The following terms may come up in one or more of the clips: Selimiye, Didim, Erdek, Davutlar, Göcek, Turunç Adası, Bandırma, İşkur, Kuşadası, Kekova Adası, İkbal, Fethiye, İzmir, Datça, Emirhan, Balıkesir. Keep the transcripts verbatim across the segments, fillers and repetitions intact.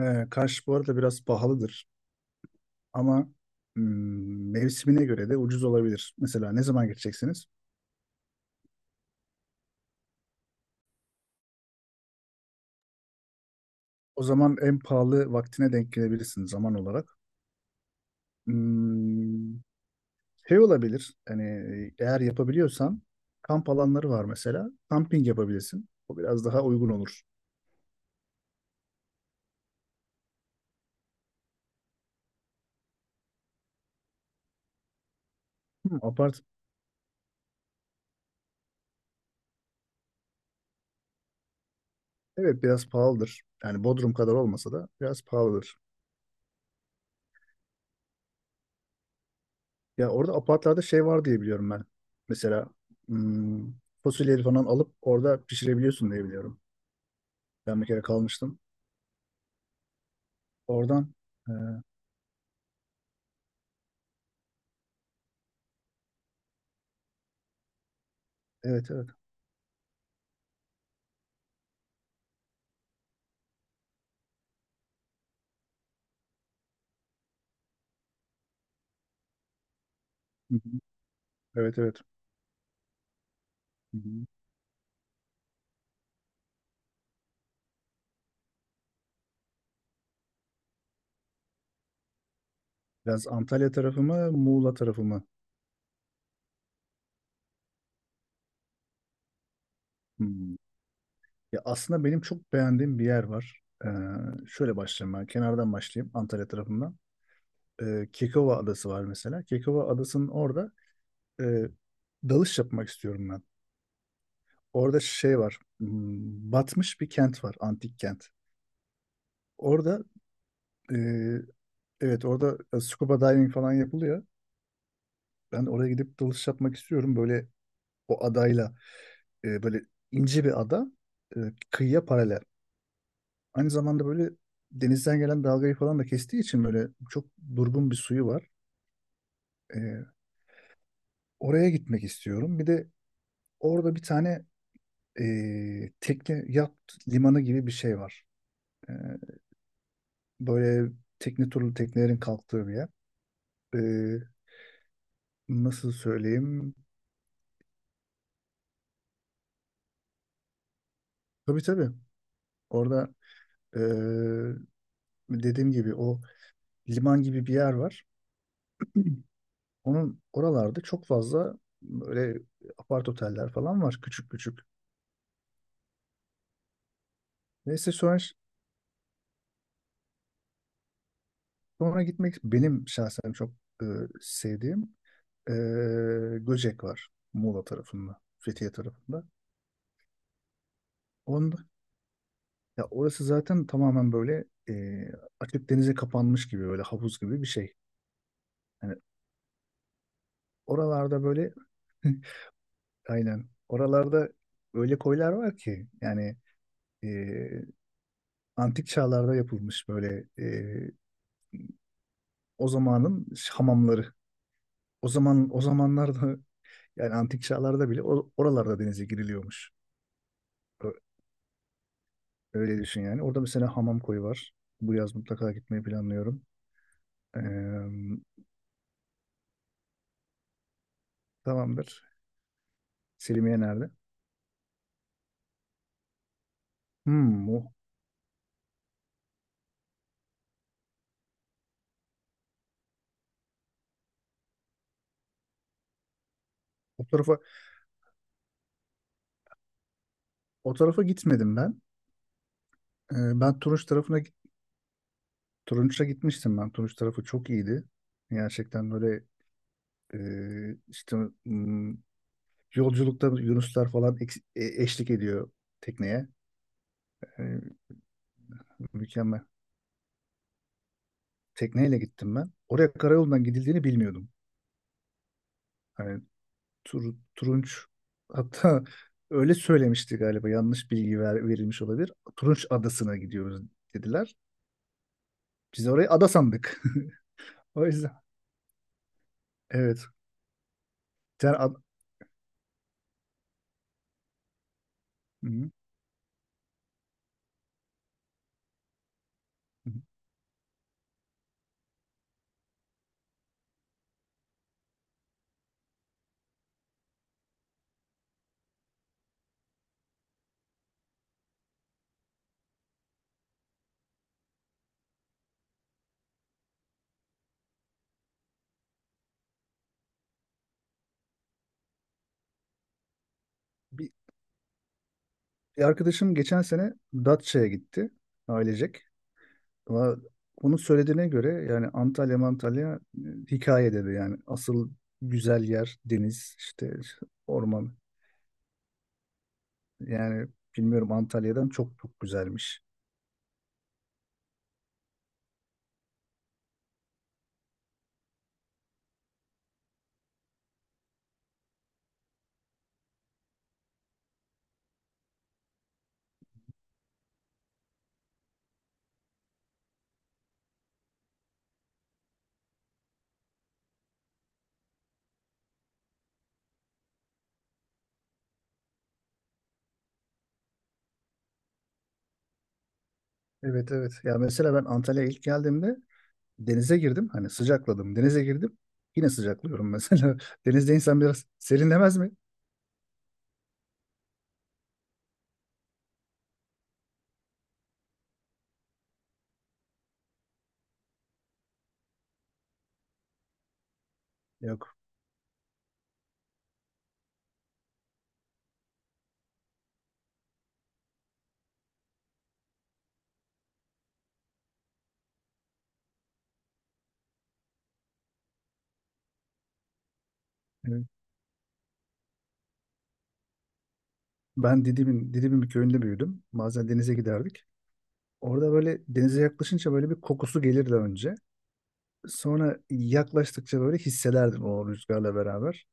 Ee, Kaş bu arada biraz pahalıdır ama hmm, mevsimine göre de ucuz olabilir. Mesela ne zaman gideceksiniz? O zaman en pahalı vaktine denk gelebilirsiniz zaman olarak. Hmm, Şey olabilir, yani eğer yapabiliyorsan kamp alanları var mesela. Kamping yapabilirsin. O biraz daha uygun olur. Hmm, apart, evet, biraz pahalıdır. Yani Bodrum kadar olmasa da biraz pahalıdır. Ya orada apartlarda şey var diye biliyorum ben. Mesela hmm, fasulyeleri falan alıp orada pişirebiliyorsun diye biliyorum. Ben bir kere kalmıştım. Oradan e, evet, evet. Hı hı. Evet, evet. Hı hı. Biraz Antalya tarafı mı, Muğla tarafı mı? Hmm. Ya aslında benim çok beğendiğim bir yer var. E, şöyle başlayayım ben. Kenardan başlayayım Antalya tarafından. E, Kekova Adası var mesela. Kekova Adası'nın orada e, dalış yapmak istiyorum ben. Orada şey var. hmm, Batmış bir kent var. Antik kent. Orada e, evet, orada e, scuba diving falan yapılıyor. Ben oraya gidip dalış yapmak istiyorum. Böyle o adayla, e, böyle ince bir ada e, kıyıya paralel. Aynı zamanda böyle denizden gelen dalgayı falan da kestiği için böyle çok durgun bir suyu var. E, Oraya gitmek istiyorum. Bir de orada bir tane e, tekne yat limanı gibi bir şey var. E, Böyle tekne turlu teknelerin kalktığı bir yer. E, Nasıl söyleyeyim? Tabii tabii. Orada e, dediğim gibi o liman gibi bir yer var. Onun oralarda çok fazla böyle apart oteller falan var, küçük küçük. Neyse sonra, sonra gitmek benim şahsen çok e, sevdiğim, e, Göcek var Muğla tarafında, Fethiye tarafında. Onda, Ya orası zaten tamamen böyle, e, açık denize kapanmış gibi böyle havuz gibi bir şey. Yani oralarda böyle aynen oralarda öyle koylar var ki yani, e, antik çağlarda yapılmış böyle, e, o zamanın hamamları. O zaman o zamanlarda yani antik çağlarda bile o- oralarda denize giriliyormuş. Ö- Öyle düşün yani. Orada mesela hamam koyu var. Bu yaz mutlaka gitmeyi planlıyorum. Ee, Tamamdır. Selimiye nerede? Hmm, o, o tarafa o tarafa gitmedim ben. Ee, ben Turunç tarafına git- Turunç'a gitmiştim ben. Turunç tarafı çok iyiydi. Gerçekten böyle, e, işte hmm, yolculukta yunuslar falan eks- e- eşlik ediyor tekneye. E, Mükemmel. Tekneyle gittim ben. Oraya karayolundan gidildiğini bilmiyordum. Hani Tur- Turunç, hatta öyle söylemişti galiba, yanlış bilgi ver- verilmiş olabilir. Turunç Adası'na gidiyoruz dediler. Biz orayı ada sandık. O yüzden, evet. Yani ad- Hı hı. Bir, bir arkadaşım geçen sene Datça'ya gitti ailecek. Ama onun söylediğine göre yani Antalya Antalya hikaye dedi yani, asıl güzel yer deniz işte, orman. Yani bilmiyorum, Antalya'dan çok çok güzelmiş. Evet, evet. Ya mesela ben Antalya'ya ilk geldiğimde denize girdim. Hani sıcakladım. Denize girdim. Yine sıcaklıyorum mesela. Denizde insan biraz serinlemez mi? Yok. Evet. Ben Didim'in Didim'in bir köyünde büyüdüm. Bazen denize giderdik. Orada böyle denize yaklaşınca böyle bir kokusu gelirdi önce. Sonra yaklaştıkça böyle hissederdim o rüzgarla beraber.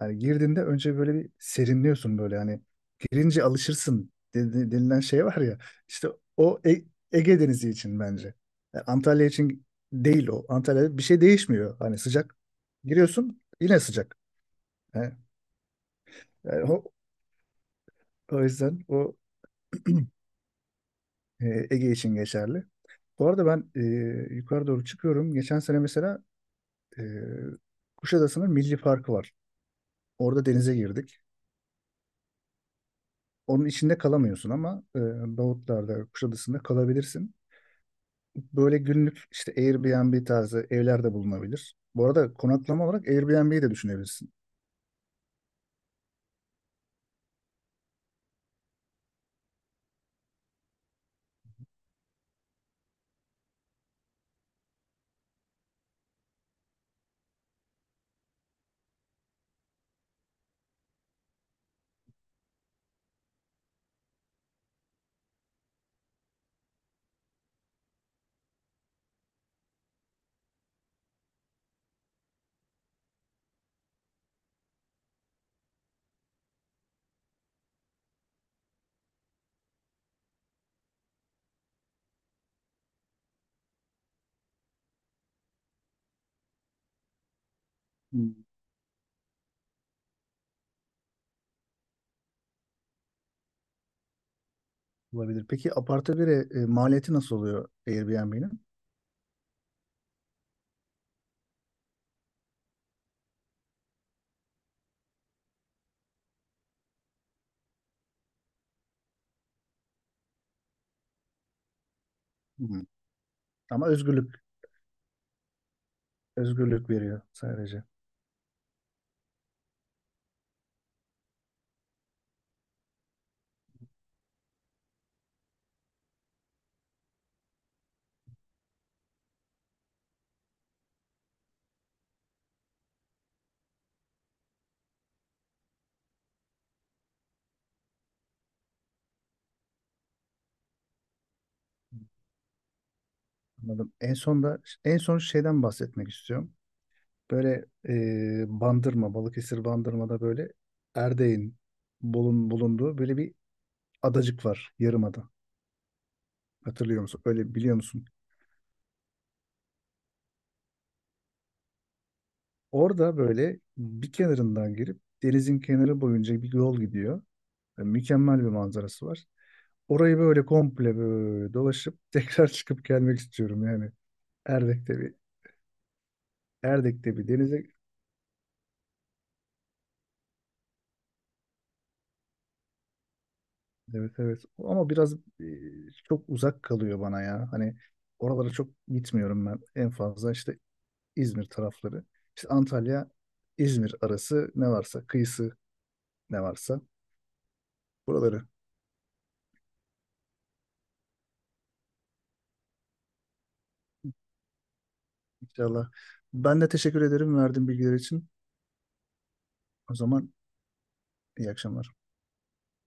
Yani girdiğinde önce böyle bir serinliyorsun, böyle hani girince alışırsın dedi- denilen şey var ya, işte o, E- Ege Denizi için bence. Yani Antalya için değil o. Antalya'da bir şey değişmiyor. Hani sıcak giriyorsun, yine sıcak. Yani, yani o, o yüzden o e, Ege için geçerli. Bu arada ben e, yukarı doğru çıkıyorum. Geçen sene mesela e, Kuşadası'nın Milli Parkı var. Orada denize girdik. Onun içinde kalamıyorsun ama e, Davutlar'da, Kuşadası'nda kalabilirsin. Böyle günlük işte Airbnb tarzı evler de bulunabilir. Bu arada konaklama olarak Airbnb'yi de düşünebilirsin. Hmm. Olabilir. Peki aparte bire e, maliyeti nasıl oluyor Airbnb'nin? Hmm. Ama özgürlük özgürlük veriyor sadece. Anladım. En son da en son şeyden bahsetmek istiyorum. Böyle e, Bandırma, Balıkesir Bandırma'da böyle Erdeğ'in bulun, bulunduğu böyle bir adacık var. Yarımada. Hatırlıyor musun? Öyle biliyor musun? Orada böyle bir kenarından girip denizin kenarı boyunca bir yol gidiyor. Yani mükemmel bir manzarası var. Orayı böyle komple, böyle dolaşıp tekrar çıkıp gelmek istiyorum yani. Erdek'te bir Erdek'te bir denize, evet, evet, ama biraz e, çok uzak kalıyor bana ya. Hani oralara çok gitmiyorum ben. En fazla işte İzmir tarafları. İşte Antalya, İzmir arası ne varsa, kıyısı ne varsa, buraları. İnşallah. Ben de teşekkür ederim verdiğin bilgiler için. O zaman iyi akşamlar.